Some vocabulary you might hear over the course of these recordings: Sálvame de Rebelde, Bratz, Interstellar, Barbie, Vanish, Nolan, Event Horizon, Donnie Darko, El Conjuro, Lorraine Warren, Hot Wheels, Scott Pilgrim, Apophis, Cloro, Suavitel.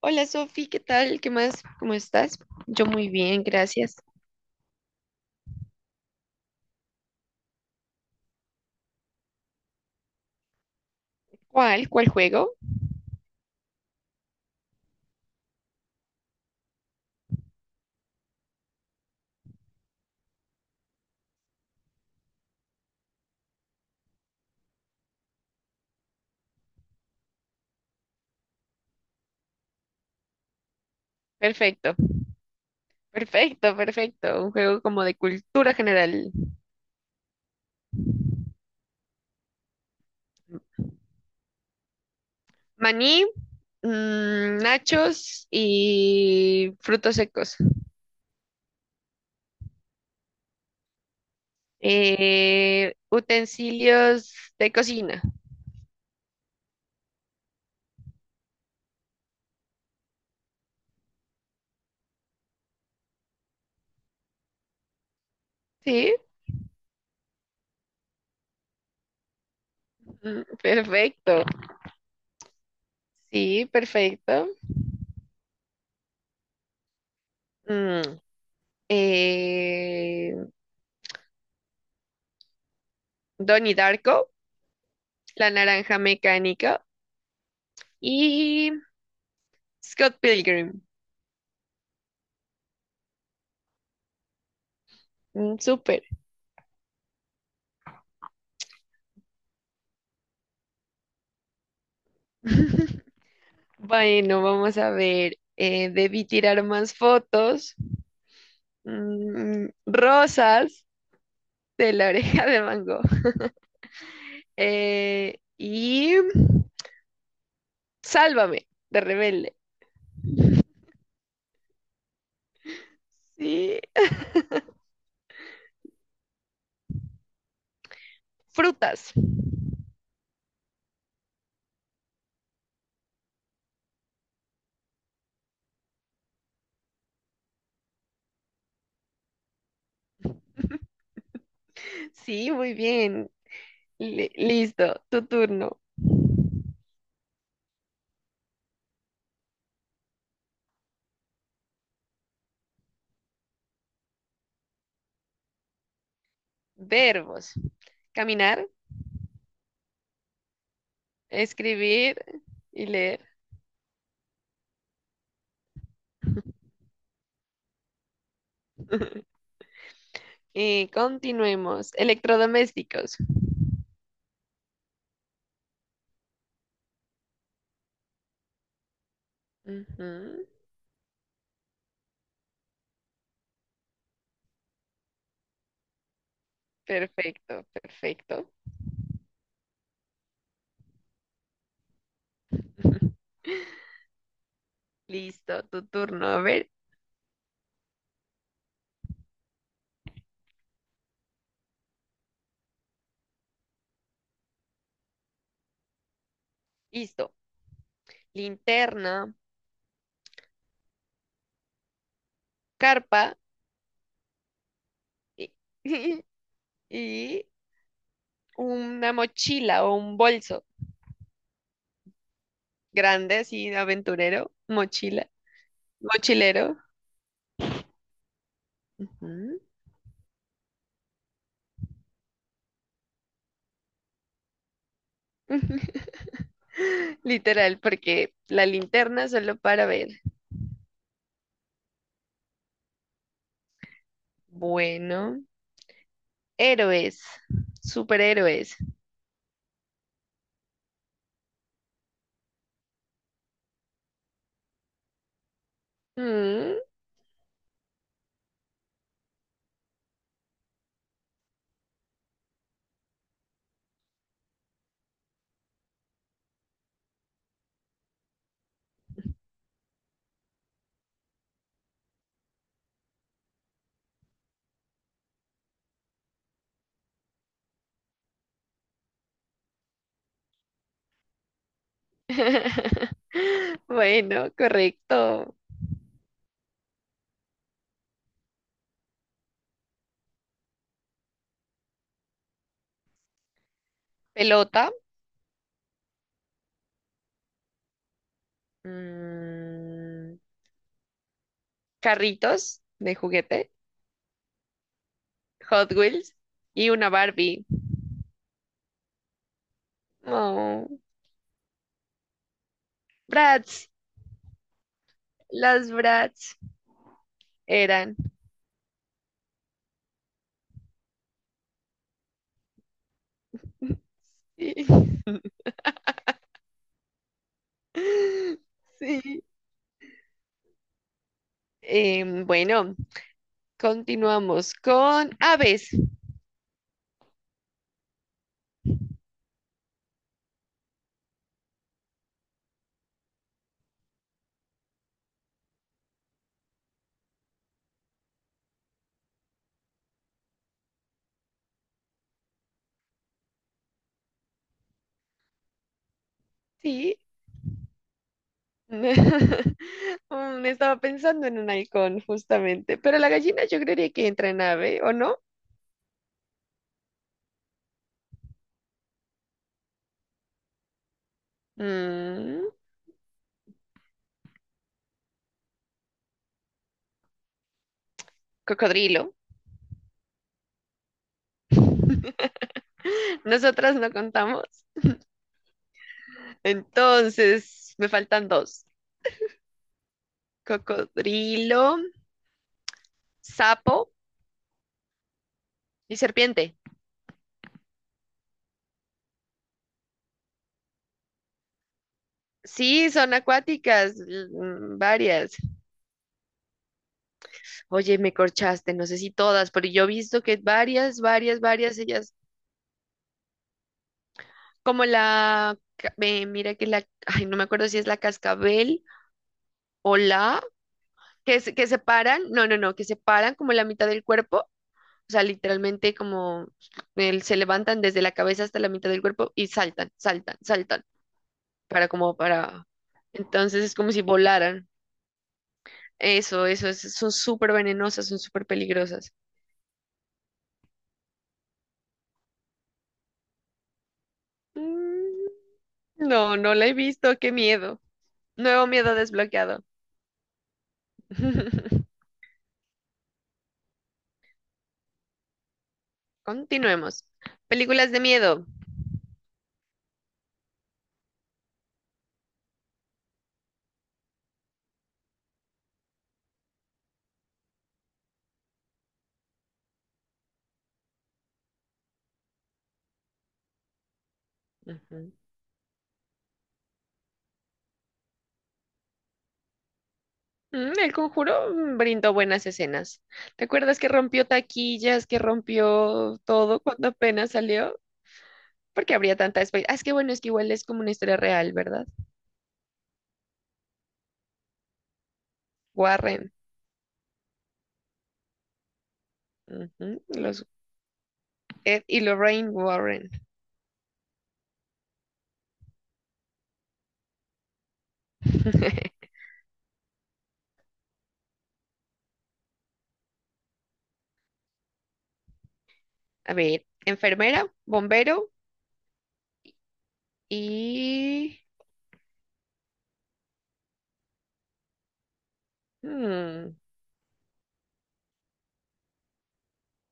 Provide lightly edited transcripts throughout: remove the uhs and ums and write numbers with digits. Hola Sofi, ¿qué tal? ¿Qué más? ¿Cómo estás? Yo muy bien, gracias. ¿Cuál? ¿Cuál juego? Perfecto, perfecto, perfecto. Un juego como de cultura general. Maní, nachos y frutos secos. Utensilios de cocina. Sí. Mm, perfecto. Sí, perfecto. Mm, eh, Donnie Darko, la naranja mecánica. Y Scott Pilgrim. Mm, súper. Bueno, vamos a ver. Debí tirar más fotos. Rosas de la oreja de mango. Y Sálvame de Rebelde. Sí, frutas. Sí, muy bien. Listo, tu turno. Verbos. Caminar, escribir y leer. Y continuemos. Electrodomésticos. Ujú. Perfecto, perfecto. Listo, tu turno. A ver, listo. Linterna, carpa y, y una mochila o un bolso grande, así, aventurero, mochila, mochilero. Ujú. Literal, porque la linterna solo para ver. Bueno, héroes, superhéroes. Mm. Bueno, correcto. Pelota, mm, carritos de juguete, Hot Wheels y una Barbie. Oh, Bratz, las Bratz eran. Sí. Sí. Bueno, continuamos con aves. Sí. Mm, estaba pensando en un halcón, justamente. Pero la gallina yo creería que entra en ave, ¿o no? Mm, cocodrilo. Nosotras no contamos. Entonces, me faltan dos. Cocodrilo, sapo y serpiente. Sí, son acuáticas, varias. Oye, me corchaste, no sé si todas, pero yo he visto que varias, varias, varias, ellas, como la, mira que la, ay, no me acuerdo si es la cascabel o la, que, que separan, no, no, no, que separan como la mitad del cuerpo, o sea, literalmente como se levantan desde la cabeza hasta la mitad del cuerpo y saltan, saltan, saltan. Para como para... Entonces es como si volaran. Eso, son súper venenosas, son súper peligrosas. Mm, no, no la he visto, qué miedo. Nuevo miedo desbloqueado. Continuemos. Películas de miedo. Ujú. El Conjuro brindó buenas escenas. ¿Te acuerdas que rompió taquillas, que rompió todo cuando apenas salió? Porque habría tanta ah, es que bueno, es que igual es como una historia real, ¿verdad? Warren. Ujú, los Ed y Lorraine Warren. A ver, enfermera, bombero y mm,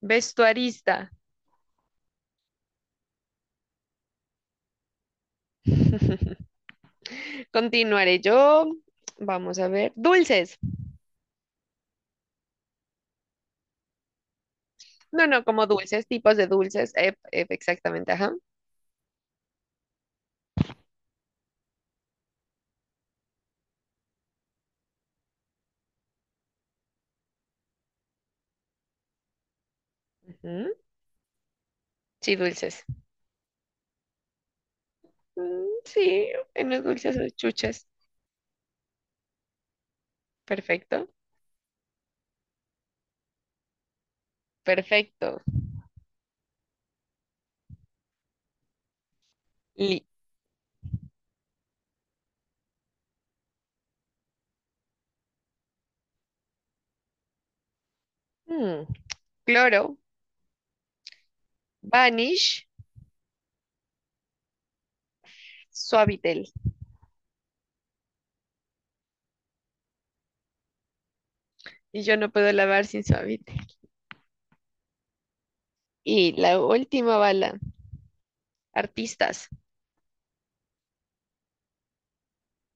vestuarista. Continuaré yo. Vamos a ver. Dulces. No, no, como dulces, tipos de dulces. Ep, ep, exactamente, ajá. Ujú. Sí, dulces. Mm, sí, unos dulces o chuches. Perfecto. Perfecto. Li-. Mm, Cloro, Vanish, Suavitel. Y yo no puedo lavar sin Suavitel. Y la última bala. Artistas.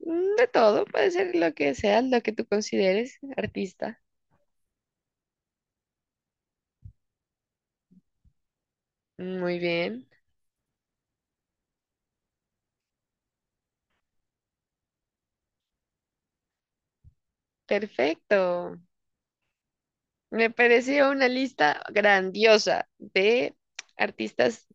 De todo, puede ser lo que sea, lo que tú consideres artista. Muy bien, perfecto. Me pareció una lista grandiosa de artistas.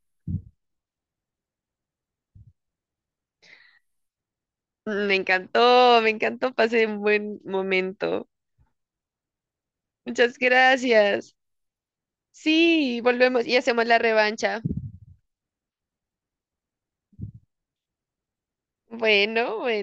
Me encantó, me encantó, pasé un buen momento. Muchas gracias. Sí, volvemos y hacemos la revancha. Bueno, bueno.